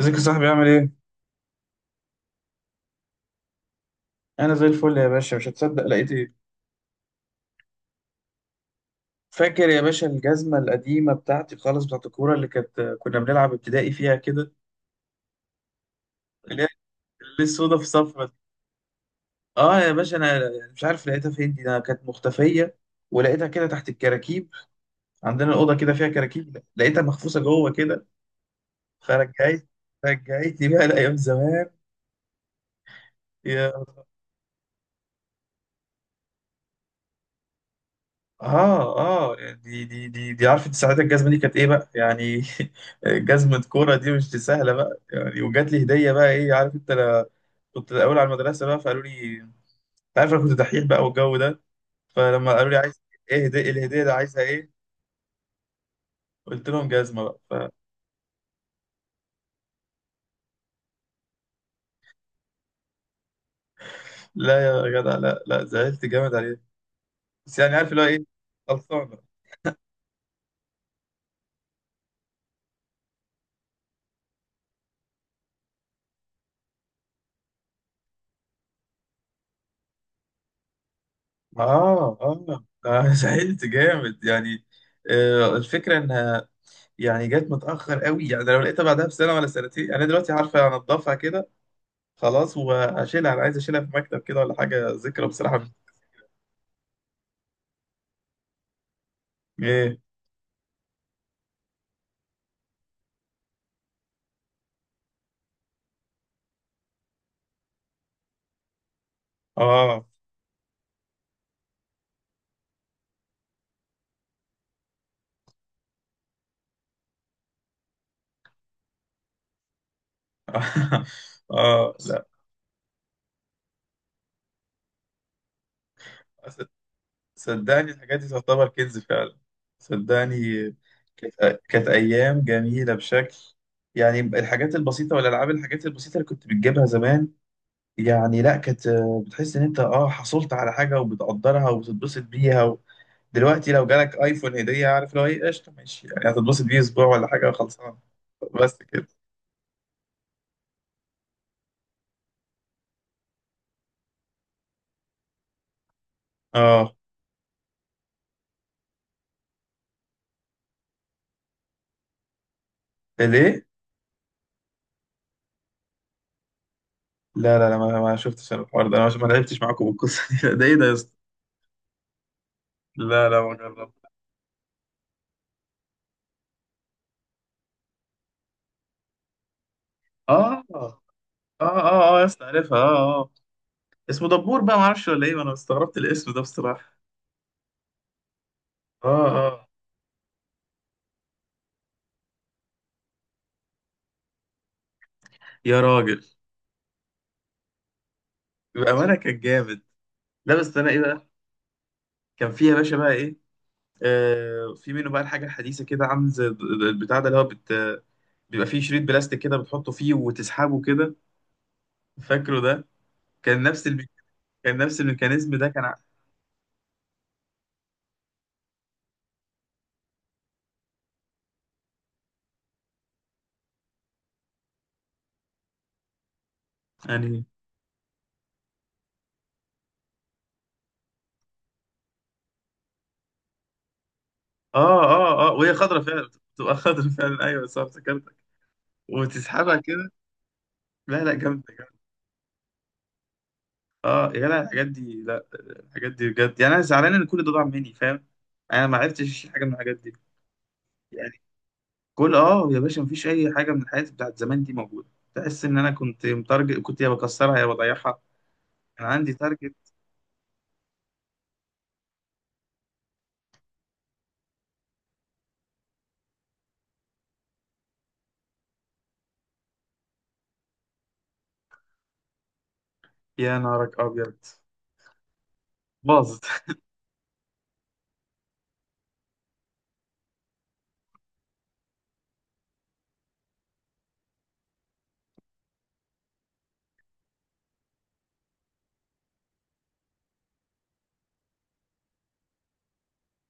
ازيك يا صاحبي؟ عامل ايه؟ انا زي الفل يا باشا. مش هتصدق لقيت ايه؟ فاكر يا باشا الجزمة القديمة بتاعتي خالص، بتاعت الكورة اللي كنا بنلعب ابتدائي فيها كده؟ اللي هي اللي السودا في صفرة. اه يا باشا، انا مش عارف لقيتها فين دي، انا كانت مختفية، ولقيتها كده تحت الكراكيب. عندنا الأوضة كده فيها كراكيب، لقيتها مخفوصة جوه كده. فرجعت رجعتني بقى لأيام زمان. اه اه، دي عارفه ساعتها الجزمه دي كانت ايه بقى يعني؟ جزمه كوره، دي مش دي سهله بقى يعني. وجات لي هديه بقى، ايه عارف انت؟ لا، كنت الاول على المدرسه بقى، فقالوا لي انت عارف انا كنت دحيح بقى والجو ده. فلما قالوا لي عايز ايه هديه، إيه الهديه ده عايزها ايه، قلت لهم جزمه بقى. فلا يا جدع، لا لا، زعلت جامد عليه. بس يعني عارف اللي هو ايه. خلصانه. اه اه آه، زعلت جامد يعني. الفكره ان يعني جت متأخر قوي يعني. ده لو لقيتها بعدها بسنة ولا سنتين يعني، أنا دلوقتي عارفة أنضفها كده خلاص وأشيلها. أنا عايز أشيلها في مكتب كده ولا حاجة، ذكرى بصراحة. إيه، آه. آه لا، صد- صدقني الحاجات دي تعتبر كنز فعلا، صدقني. كانت أيام جميلة بشكل يعني. الحاجات البسيطة والألعاب، الحاجات البسيطة اللي كنت بتجيبها زمان، يعني لا، كانت بتحس إن أنت حصلت على حاجة وبتقدرها وبتتبسط بيها. دلوقتي لو جالك ايفون هديه، عارف لو ايه، قشطه ماشي يعني، هتتبسط بيه اسبوع ولا حاجه خلصان. بس كده. اه ليه؟ لا لا لا، ما شفتش انا الحوار ده، انا ما لعبتش معاكم بالقصه دي. ده ايه ده يا اسطى؟ لا لا، ما جربت. اه اه اه اه يا اسطى عارفها، اه اه آه. اسمه دبور بقى؟ ما اعرفش ولا ايه، انا استغربت الاسم ده بصراحه. اه اه يا راجل، بامانه كان جامد. لا بس انا ايه بقى، كان فيها يا باشا بقى ايه، في منه بقى الحاجة الحديثة كده، عامل زي البتاع ده اللي هو بت... بيبقى فيه شريط بلاستيك كده، بتحطه فيه وتسحبه كده. فاكره ده؟ كان نفس الم... كان نفس الميكانيزم ده كان ع- يعني. اه اه اه، وهي خضرة فعلا، بتبقى خضرة فعلا، ايوه صح افتكرتك، وتسحبها كده. لا لا، جامدة جامدة. اه يا جدع، الحاجات دي، لا الحاجات دي بجد يعني. انا زعلان ان كل ده ضاع مني فاهم، انا ما عرفتش أشيل حاجة من الحاجات دي يعني. كل اه يا باشا، مفيش اي حاجه من الحاجات بتاعت زمان دي موجوده. تحس ان انا كنت متارجت، كنت يا بكسرها يا بضيعها. كان عندي تارجت. يا نارك ابيض، باظت.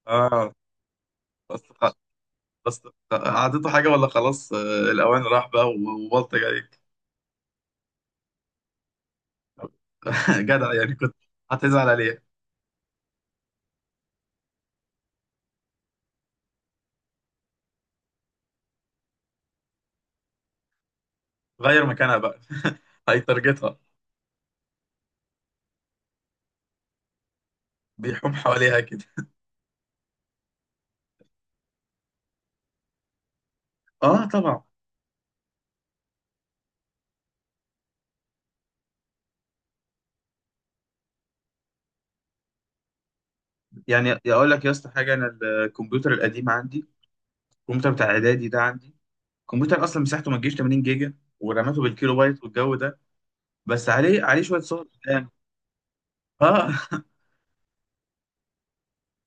اه، بس خ- بس عطيته حاجه ولا خلاص، الاوان راح بقى و- وبلطج عليك. جدع يعني، كنت هتزعل عليها. غير مكانها بقى، هيتارجتها، بيحوم حواليها كده. اه طبعا. يعني اقول لك يا اسطى حاجه، انا الكمبيوتر القديم عندي، الكمبيوتر بتاع اعدادي ده عندي. الكمبيوتر اصلا مساحته ما تجيش 80 جيجا، وراماته بالكيلو بايت والجو ده، بس عليه شويه صور قدام. اه.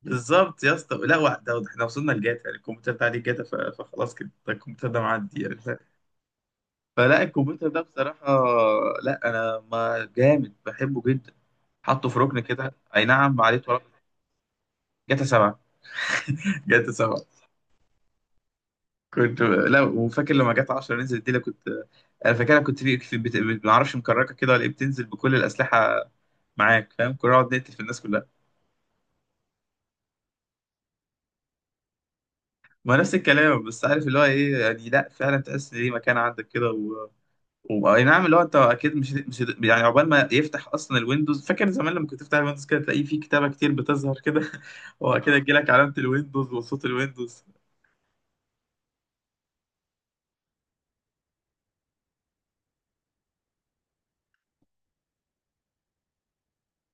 بالظبط يا اسطى. لا ده احنا وصلنا لجاتا يعني، الكمبيوتر ده عليه جاتا، فخلاص كده، ده الكمبيوتر ده معدي يعني ف-. فلا الكمبيوتر ده بصراحه، لا انا ما جامد، بحبه جدا، حطه في ركن كده، اي نعم عليه تراب. جاتا 7. جاتا 7. كنت، لا وفاكر لما جت 10 نزلت دي، لا كنت انا فاكرها، كنت في بت... بت- ما اعرفش مكركه كده ولا ايه، بتنزل بكل الاسلحه معاك فاهم، كنا نقعد نقتل في الناس كلها. ما نفس الكلام، بس عارف اللي هو ايه يعني، لا فعلا تحس ان ليه مكان عندك كده و... و... اي نعم. اللي هو انت اكيد مش يعني، عقبال ما يفتح اصلا الويندوز، فاكر زمان لما كنت تفتح الويندوز كده تلاقيه في كتابه كتير بتظهر كده. واكيد يجي لك علامه الويندوز وصوت الويندوز.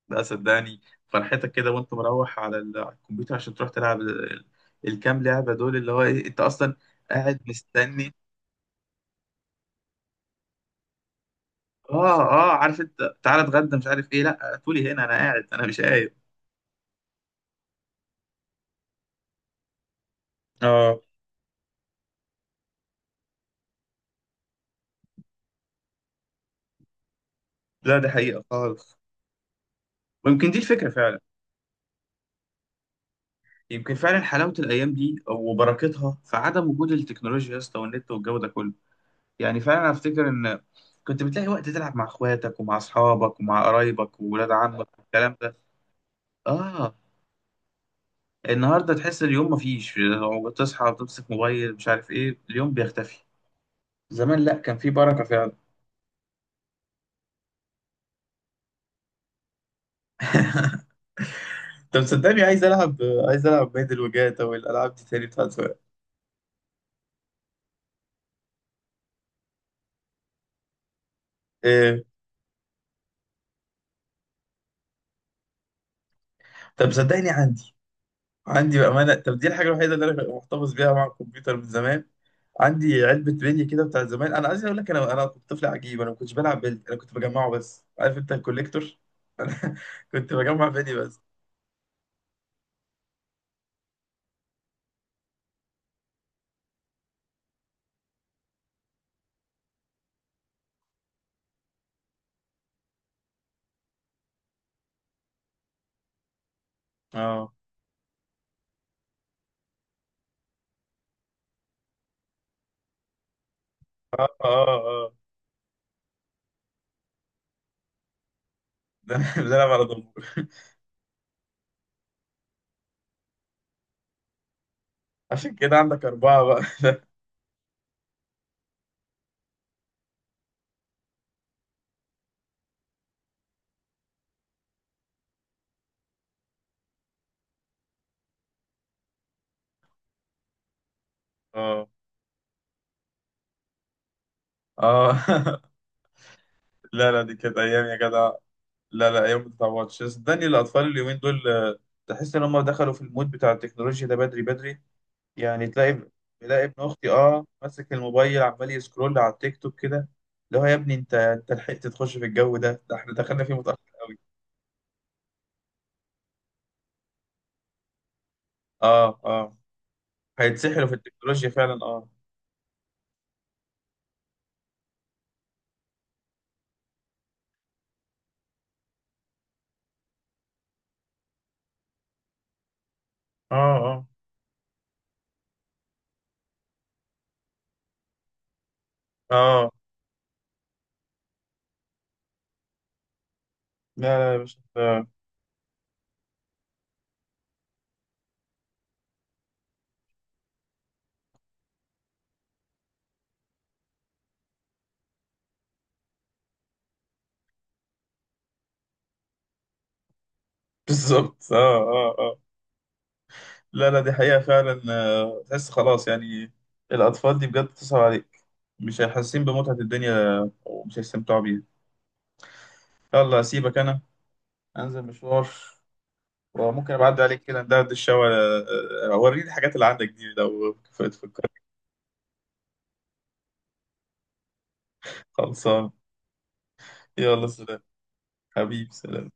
لا صدقني، فرحتك كده وانت مروح على على الكمبيوتر عشان تروح تلعب الكام لعبة دول، اللي هو ايه، انت اصلا قاعد مستني. اه اه، عارف انت تعالى اتغدى مش عارف ايه، لا تقولي هنا انا قاعد انا مش قايم. اه لا، ده حقيقة خالص. ويمكن دي الفكرة فعلا. يمكن فعلا حلاوة الأيام دي وبركتها في عدم وجود التكنولوجيا يا اسطى والنت والجو ده كله. يعني فعلا أنا أفتكر إن كنت بتلاقي وقت تلعب مع إخواتك ومع أصحابك ومع قرايبك وولاد عمك والكلام ده. آه. النهارده تحس اليوم مفيش، لو بتصحى بتمسك موبايل مش عارف ايه، اليوم بيختفي. زمان لا، كان في بركه فعلا. طب صدقني عايز العب، عايز العب بيدل وجات او الالعاب دي تاني بتاعت زمان. إيه. طب صدقني عندي، عندي بامانه. طب دي الحاجه الوحيده اللي انا محتفظ بيها مع الكمبيوتر من زمان. عندي علبه بلي كده بتاعت زمان. انا عايز اقول لك، انا كنت طفل عجيب، انا ما كنتش بلعب بلي، انا كنت بجمعه بس، عارف انت الكوليكتور. انا كنت بجمع بلي بس. اه اه اه اه. ده انا بلعب على ضمور. عشان كده عندك أربعة بقى. اه اه. لا لا، دي كانت أيام يا جدع. لا لا، أيام ما تتعوضش صدقني. الأطفال اليومين دول تحس إن هم دخلوا في المود بتاع التكنولوجيا ده بدري بدري. يعني تلاقي ابن أختي اه ماسك الموبايل عمال يسكرول على التيك توك كده. اللي هو يا ابني أنت لحقت تخش في الجو ده إحنا دخلنا فيه متأخر. أوي. اه اه، هيتسحلوا في التكنولوجيا فعلا اه اه اه اه. لا لا يا باشا، بالظبط، اه اه آه. لا لا، دي حقيقة فعلا. تحس خلاص يعني، الأطفال دي بجد تصعب عليك، مش حاسين بمتعة الدنيا، ومش هيستمتعوا بيها. يلا أسيبك أنا، أنزل مشوار، وممكن أبعد عليك كده ندردش الشوا. أوريني الحاجات اللي عندك دي لو فكرت. خلصان. يلا سلام. حبيبي سلام.